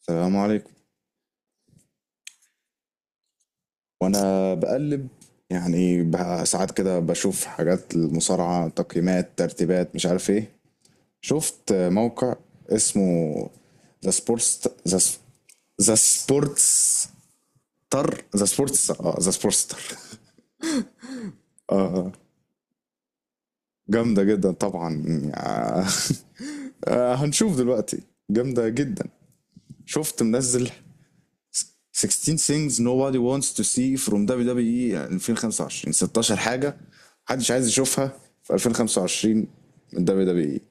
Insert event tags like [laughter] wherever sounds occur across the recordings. السلام عليكم. وانا بقلب يعني بقى ساعات كده بشوف حاجات المصارعة، تقييمات، ترتيبات، مش عارف ايه. شفت موقع اسمه ذا سبورتس ذا ذا سبورتس تر ذا سبورتس اه ذا سبورتس تر. اه، جامدة جدا طبعا يعني. [laughs] هنشوف دلوقتي. جامدة جدا. شفت منزل 16 things nobody wants to see from WWE 2025. 16 حاجة محدش عايز يشوفها في 2025 من WWE.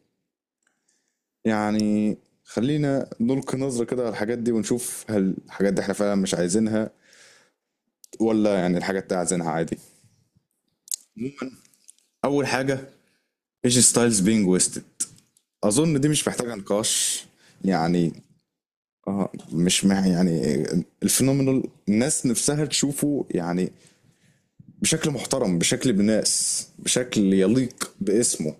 يعني خلينا نلقي نظرة كده على الحاجات دي ونشوف هل الحاجات دي احنا فعلا مش عايزينها ولا يعني الحاجات دي عايزينها عادي. أول حاجة، ايجي ستايلز بينج ويستد. أظن دي مش محتاجة نقاش. يعني اه، مش مع يعني الفينومينال، الناس نفسها تشوفه يعني بشكل محترم، بشكل بناس، بشكل يليق باسمه.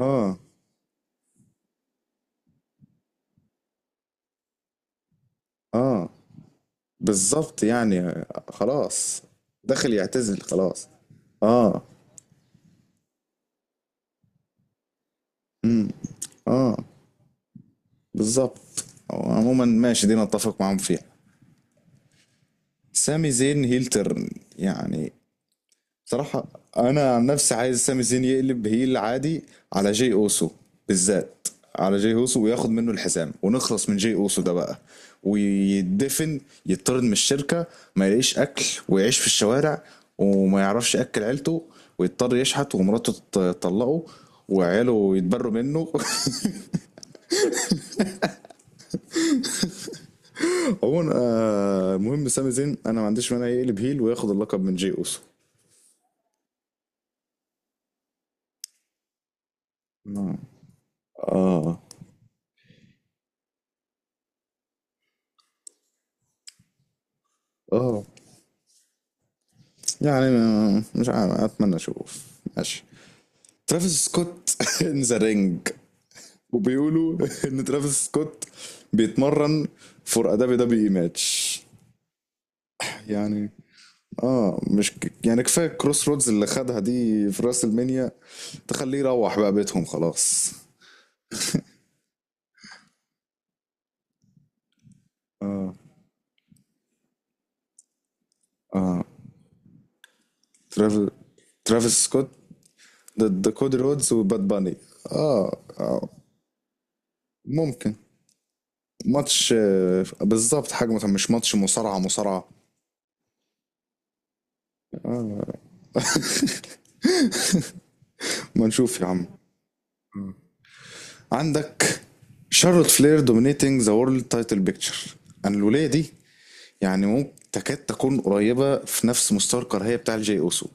اه، اه، بالظبط يعني خلاص، داخل يعتزل خلاص. اه، اه، بالظبط. عموما ماشي، دي نتفق معاهم فيها. سامي زين هيل تيرن، يعني بصراحة أنا عن نفسي عايز سامي زين يقلب هيل عادي على جاي أوسو بالذات. على جاي أوسو وياخد منه الحزام ونخلص من جاي أوسو ده بقى، ويدفن، يطرد من الشركة، ما يلاقيش أكل ويعيش في الشوارع، وما يعرفش يأكل عيلته، ويضطر يشحت، ومراته تطلقه، وعياله يتبروا منه. [laughs] عموما المهم سامي زين أنا ما عنديش مانع يقلب هيل وياخد اللقب من جاي أوسو. نعم. آه، آه، يعني مش عارف، اتمنى اشوف. ماشي. ترافيس سكوت [laughs] ان ذا رينج. وبيقولوا [laughs] ان ترافيس سكوت بيتمرن فور ادابي دبليو اي ماتش. يعني اه، مش يعني كفايه كروس رودز اللي خدها دي في راس المنيا. تخليه يروح بقى بيتهم خلاص. اه، اه، ترافيس، ترافيس سكوت ضد كودي رودز وباد باني. اه، اه، ممكن ماتش بالظبط حجمه، مش ماتش مصارعة مصارعة. ما نشوف يا عم. عندك شارلوت فلير دومينيتنج ذا وورلد تايتل بيكتشر. انا الولايه دي يعني ممكن تكاد تكون قريبه في نفس مستوى الكراهيه بتاع الجي اوسو.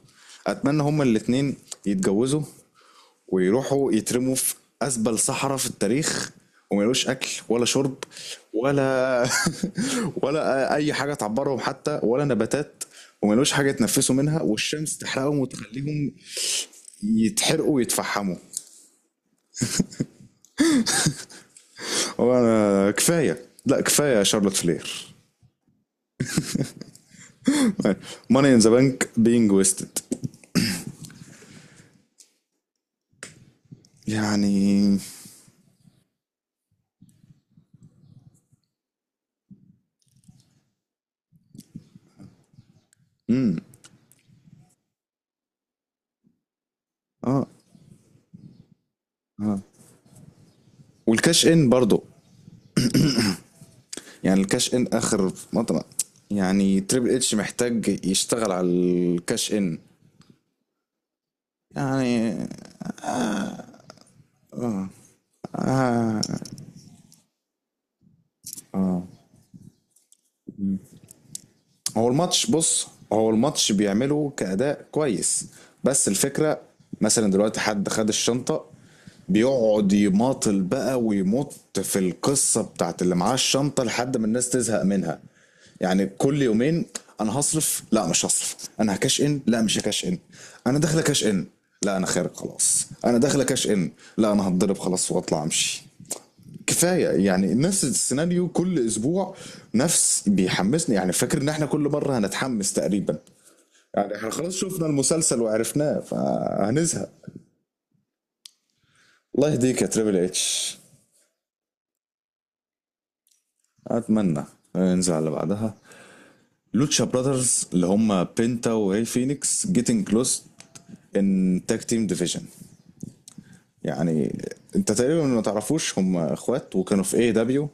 اتمنى هما الاتنين يتجوزوا ويروحوا يترموا في اسبل صحراء في التاريخ، وما يلاقوش اكل ولا شرب ولا [laughs] ولا اي حاجه تعبرهم حتى، ولا نباتات، وما يلاقوش حاجه يتنفسوا منها، والشمس تحرقهم وتخليهم يتحرقوا ويتفحموا. وانا كفايه، لا كفايه شارلوت فلير. [laughs] ماني ان ذا بانك بينج ويستد، يعني امم، اه، اه، والكاش ان برضو يعني الكاش ان اخر مطلع، يعني تريبل اتش محتاج يشتغل على الكاش ان. يعني هو الماتش، بص هو الماتش بيعمله كأداء كويس، بس الفكرة مثلا دلوقتي حد خد الشنطة، بيقعد يماطل بقى ويمط في القصة بتاعت اللي معاه الشنطة لحد ما الناس تزهق منها. يعني كل يومين انا هصرف، لا مش هصرف، انا هكاش ان، لا مش هكاش ان، انا داخله كاش ان، لا انا خارج خلاص، انا داخله كاش ان، لا انا هتضرب خلاص واطلع امشي. كفايه يعني نفس السيناريو كل اسبوع، نفس بيحمسني يعني، فاكر ان احنا كل مره هنتحمس تقريبا. يعني احنا خلاص شفنا المسلسل وعرفناه فهنزهق. الله يهديك يا تريبل اتش. اتمنى ننزل على اللي بعدها. لوتشا براذرز اللي هم بينتا وهي فينيكس جيتنج كلوز ان تاج تيم ديفيجن. يعني انت تقريبا ما تعرفوش، هم اخوات وكانوا في اي دبليو.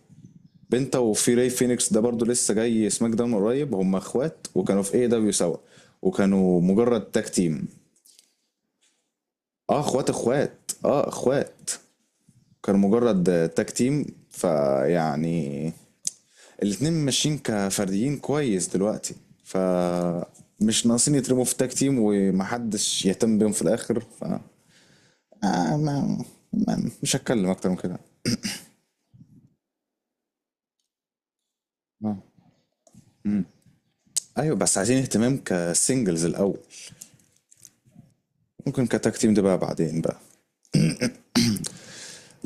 بنتا وفي راي فينيكس ده برضو لسه جاي سماك داون قريب، هم اخوات وكانوا في اي دبليو سوا وكانوا مجرد تاج تيم. اه اخوات اخوات، اه اخوات. كانوا مجرد تاج تيم، فيعني الاتنين ماشيين كفرديين كويس دلوقتي، ف مش ناقصين يترموا في تاج تيم ومحدش يهتم بيهم في الاخر. ف آه ما ما مش هتكلم اكتر من كده. آه. ايوه بس عايزين اهتمام كسنجلز الاول، ممكن كتاك تيم ده بقى بعدين بقى.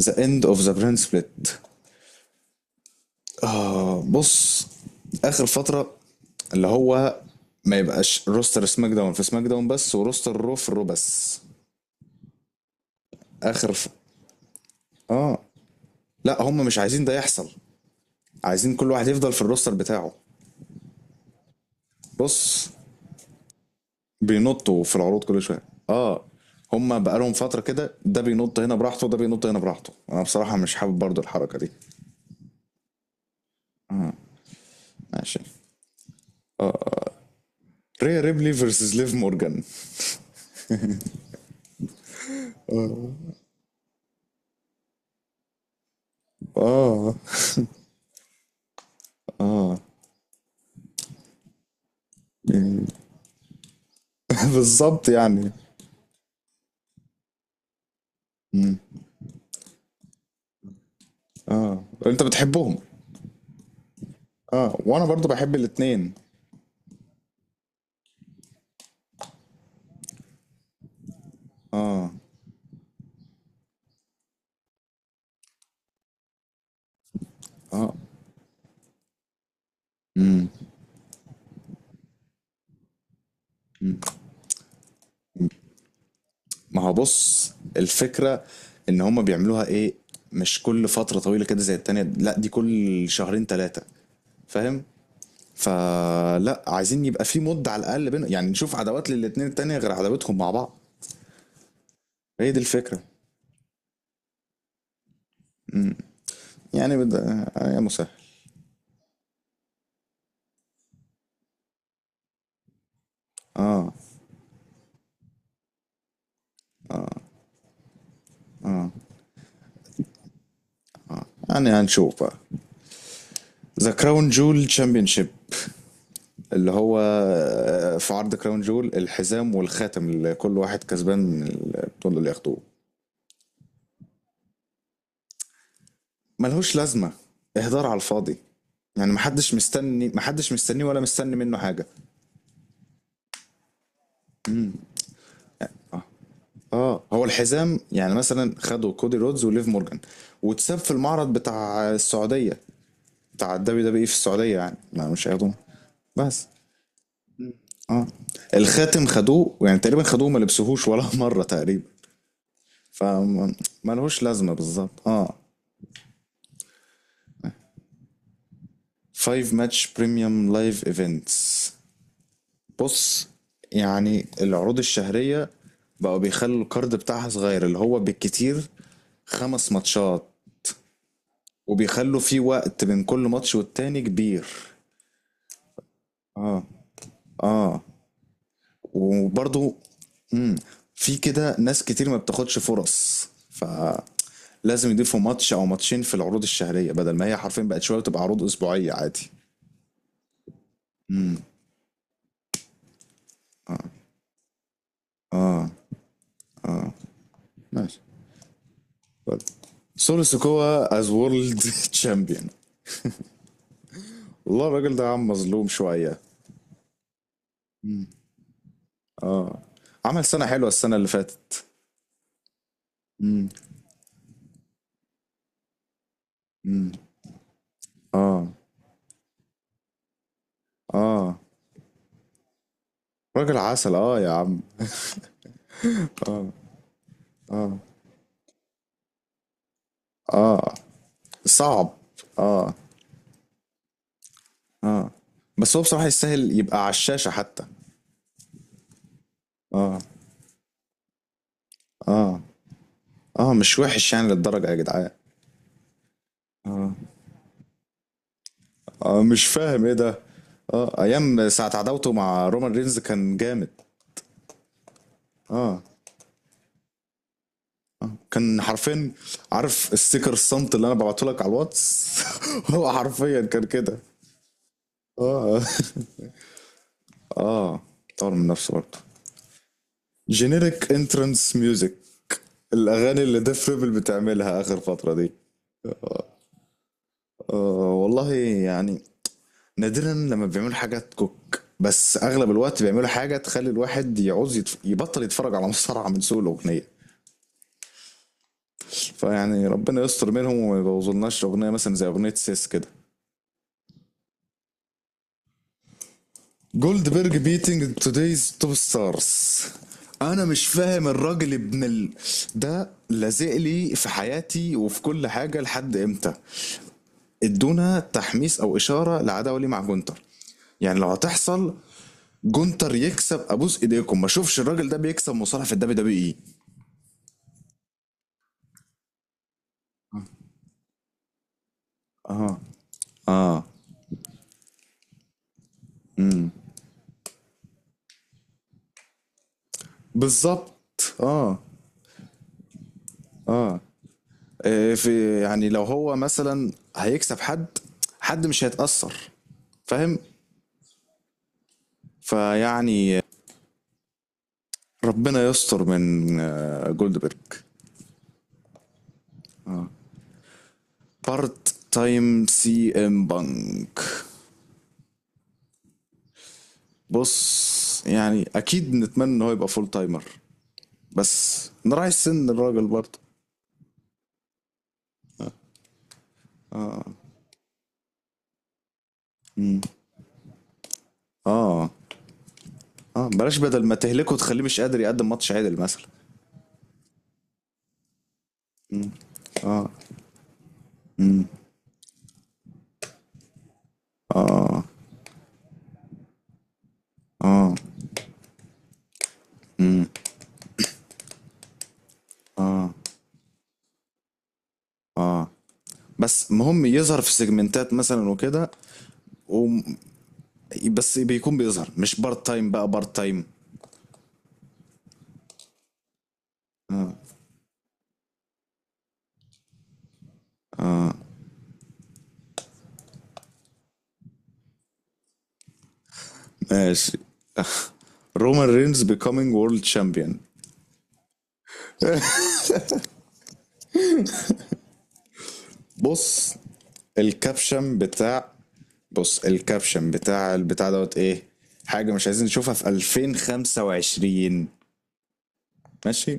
ذا اند اوف ذا برين سبليت. آه بص، اخر فتره اللي هو ما يبقاش روستر سماك داون في سماك داون بس وروستر رو في الرو بس. اخر ف... اه، لا هم مش عايزين ده يحصل، عايزين كل واحد يفضل في الروستر بتاعه. بص، بينطوا في العروض كل شويه. اه، هم بقالهم فتره كده ده بينط هنا براحته وده بينط هنا براحته، انا بصراحه مش حابب برضو الحركه دي. ماشي. ريا ريبلي فيرسز ليف مورجان، اه. [laughs] بالظبط يعني. اه انت بتحبهم. اه وانا برضو بحب الاتنين. اه، اه، امم، ما هو بص، الفكرة ان هما بيعملوها ايه، مش كل فترة طويلة كده زي التانية، لا دي كل شهرين تلاتة، فاهم؟ فلا عايزين يبقى في مدة على الاقل بين، يعني نشوف عداوات للاتنين التانية غير عداوتهم مع بعض. هي دي الفكرة. امم، يعني يا مسهل. اه، اه، يعني هنشوف بقى. ذا كراون جول تشامبيونشيب، اللي هو في عرض كراون جول الحزام والخاتم اللي كل واحد كسبان من البطولة اللي ياخدوه. ملهوش لازمة، اهدار على الفاضي، يعني محدش مستني، محدش مستنيه ولا مستني منه حاجة. اه هو الحزام يعني مثلا خدوا كودي رودز وليف مورجان واتساب في المعرض بتاع السعودية، بتاع الدبليو دبليو اي في السعودية يعني، ما مش هياخدوه بس. اه، الخاتم خدوه يعني تقريبا، خدوه ما لبسوهوش ولا [laughs] مرة تقريبا، فملهوش لازمة بالظبط. اه، 5 ماتش بريميوم لايف ايفنتس. بص يعني العروض الشهرية بقوا بيخلوا الكارد بتاعها صغير اللي هو بالكتير خمس ماتشات، وبيخلوا فيه وقت بين كل ماتش والتاني كبير. اه، وبرضو مم، في كده ناس كتير ما بتاخدش فرص، فلازم يضيفوا ماتش او ماتشين في العروض الشهرية، بدل ما هي حرفيا بقت شوية تبقى عروض اسبوعية عادي. سولو سيكوا از وورلد تشامبيون. [laughs] والله الراجل ده عم مظلوم شوية، عمل سنة حلوة السنة اللي فاتت. مم، اه، اه، راجل عسل اه يا عم. اه صعب، اه، اه، بس هو بصراحة يستاهل يبقى على الشاشة حتى. اه، اه، اه مش وحش يعني للدرجة يا جدعان. اه مش فاهم ايه ده. اه، ايام ساعة عداوته مع رومان رينز كان جامد، كان حرفيا، عارف الستيكر الصمت اللي انا ببعته لك على الواتس؟ [laughs] هو حرفيا كان كده. اه. [laughs] اه، طور من نفسه برضه. جينيريك انترنس ميوزك، الاغاني اللي ديف بيبل بتعملها اخر فتره دي، أه والله يعني نادرا لما بيعملوا حاجه تكوك، بس اغلب الوقت بيعملوا حاجه تخلي الواحد يعوز يبطل يتفرج على مصارعه من سوء الاغنيه. فيعني ربنا يستر منهم وما يبوظلناش اغنيه مثلا زي اغنيه سيس كده. جولد بيرج بيتنج تودايز توب ستارز. انا مش فاهم الراجل ده لازق لي في حياتي وفي كل حاجه لحد امتى؟ ادونا تحميس او اشاره لعداوه ليه مع جونتر، يعني لو هتحصل جونتر يكسب ابوس ايديكم، ما اشوفش الراجل ده بيكسب مصارع في الدبليو دبليو اي. اه، اه، امم، بالظبط اه، اه، إيه في؟ يعني لو هو مثلا هيكسب حد، حد مش هيتأثر، فاهم؟ فيعني ربنا يستر من جولدبرج. بارت تايم سي ام بانك. بص يعني اكيد نتمنى ان هو يبقى فول تايمر، بس راعي السن الراجل برضه. مم، اه، اه، بلاش بدل ما تهلكه تخليه مش قادر يقدم ماتش عدل مثلا. بس مهم يظهر في سيجمنتات مثلا وكده، و... بس بيكون بيظهر مش بارت تايم بقى بارت تايم. ماشي. رومان رينز becoming world champion. بص الكابشن بتاع بص الكابشن بتاع البتاع دوت ايه، حاجة مش عايزين نشوفها في 2025. ماشي،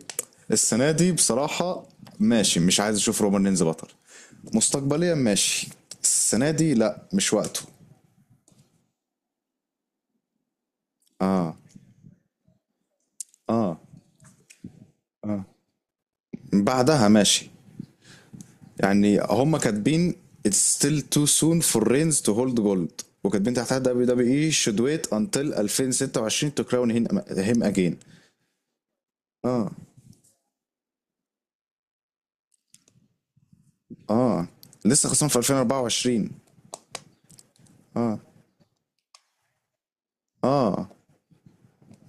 السنة دي بصراحة ماشي، مش عايز اشوف رومان رينز بطل. مستقبليا ماشي، السنة دي لا مش وقته. اه، بعدها ماشي. يعني هما كاتبين it's still too soon for Reigns to hold gold، وكاتبين تحتها دبليو دبليو اي should wait until 2026 to crown him again. لسه خصم في 2024،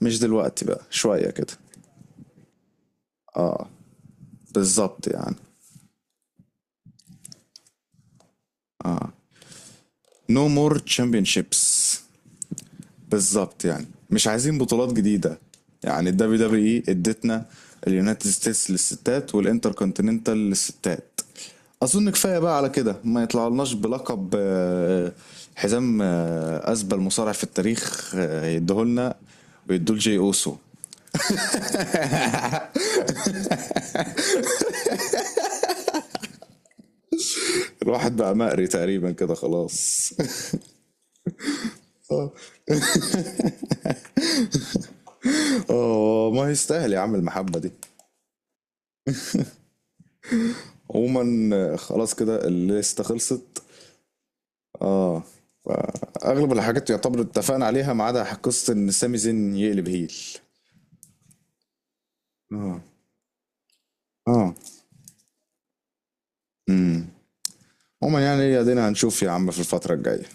مش دلوقتي بقى شوية كده. بالظبط يعني. no more championships. بالظبط يعني مش عايزين بطولات جديدة. يعني ال WWE ادتنا اليونايتد ستيتس للستات والانتر كونتيننتال للستات، اظن كفايه بقى على كده، ما يطلعلناش بلقب حزام اسبل مصارع في التاريخ يديهولنا ويدوه لجي اوسو. الواحد بقى مقري تقريبا كده خلاص. [laughs] اه ما يستاهل يا عم المحبه دي. عموما خلاص كده الليسته خلصت. اه، اغلب الحاجات يعتبر اتفقنا عليها ما عدا قصه ان سامي زين يقلب هيل. اه، اه، امم. عموما يعني ادينا هنشوف يا عم في الفتره الجايه.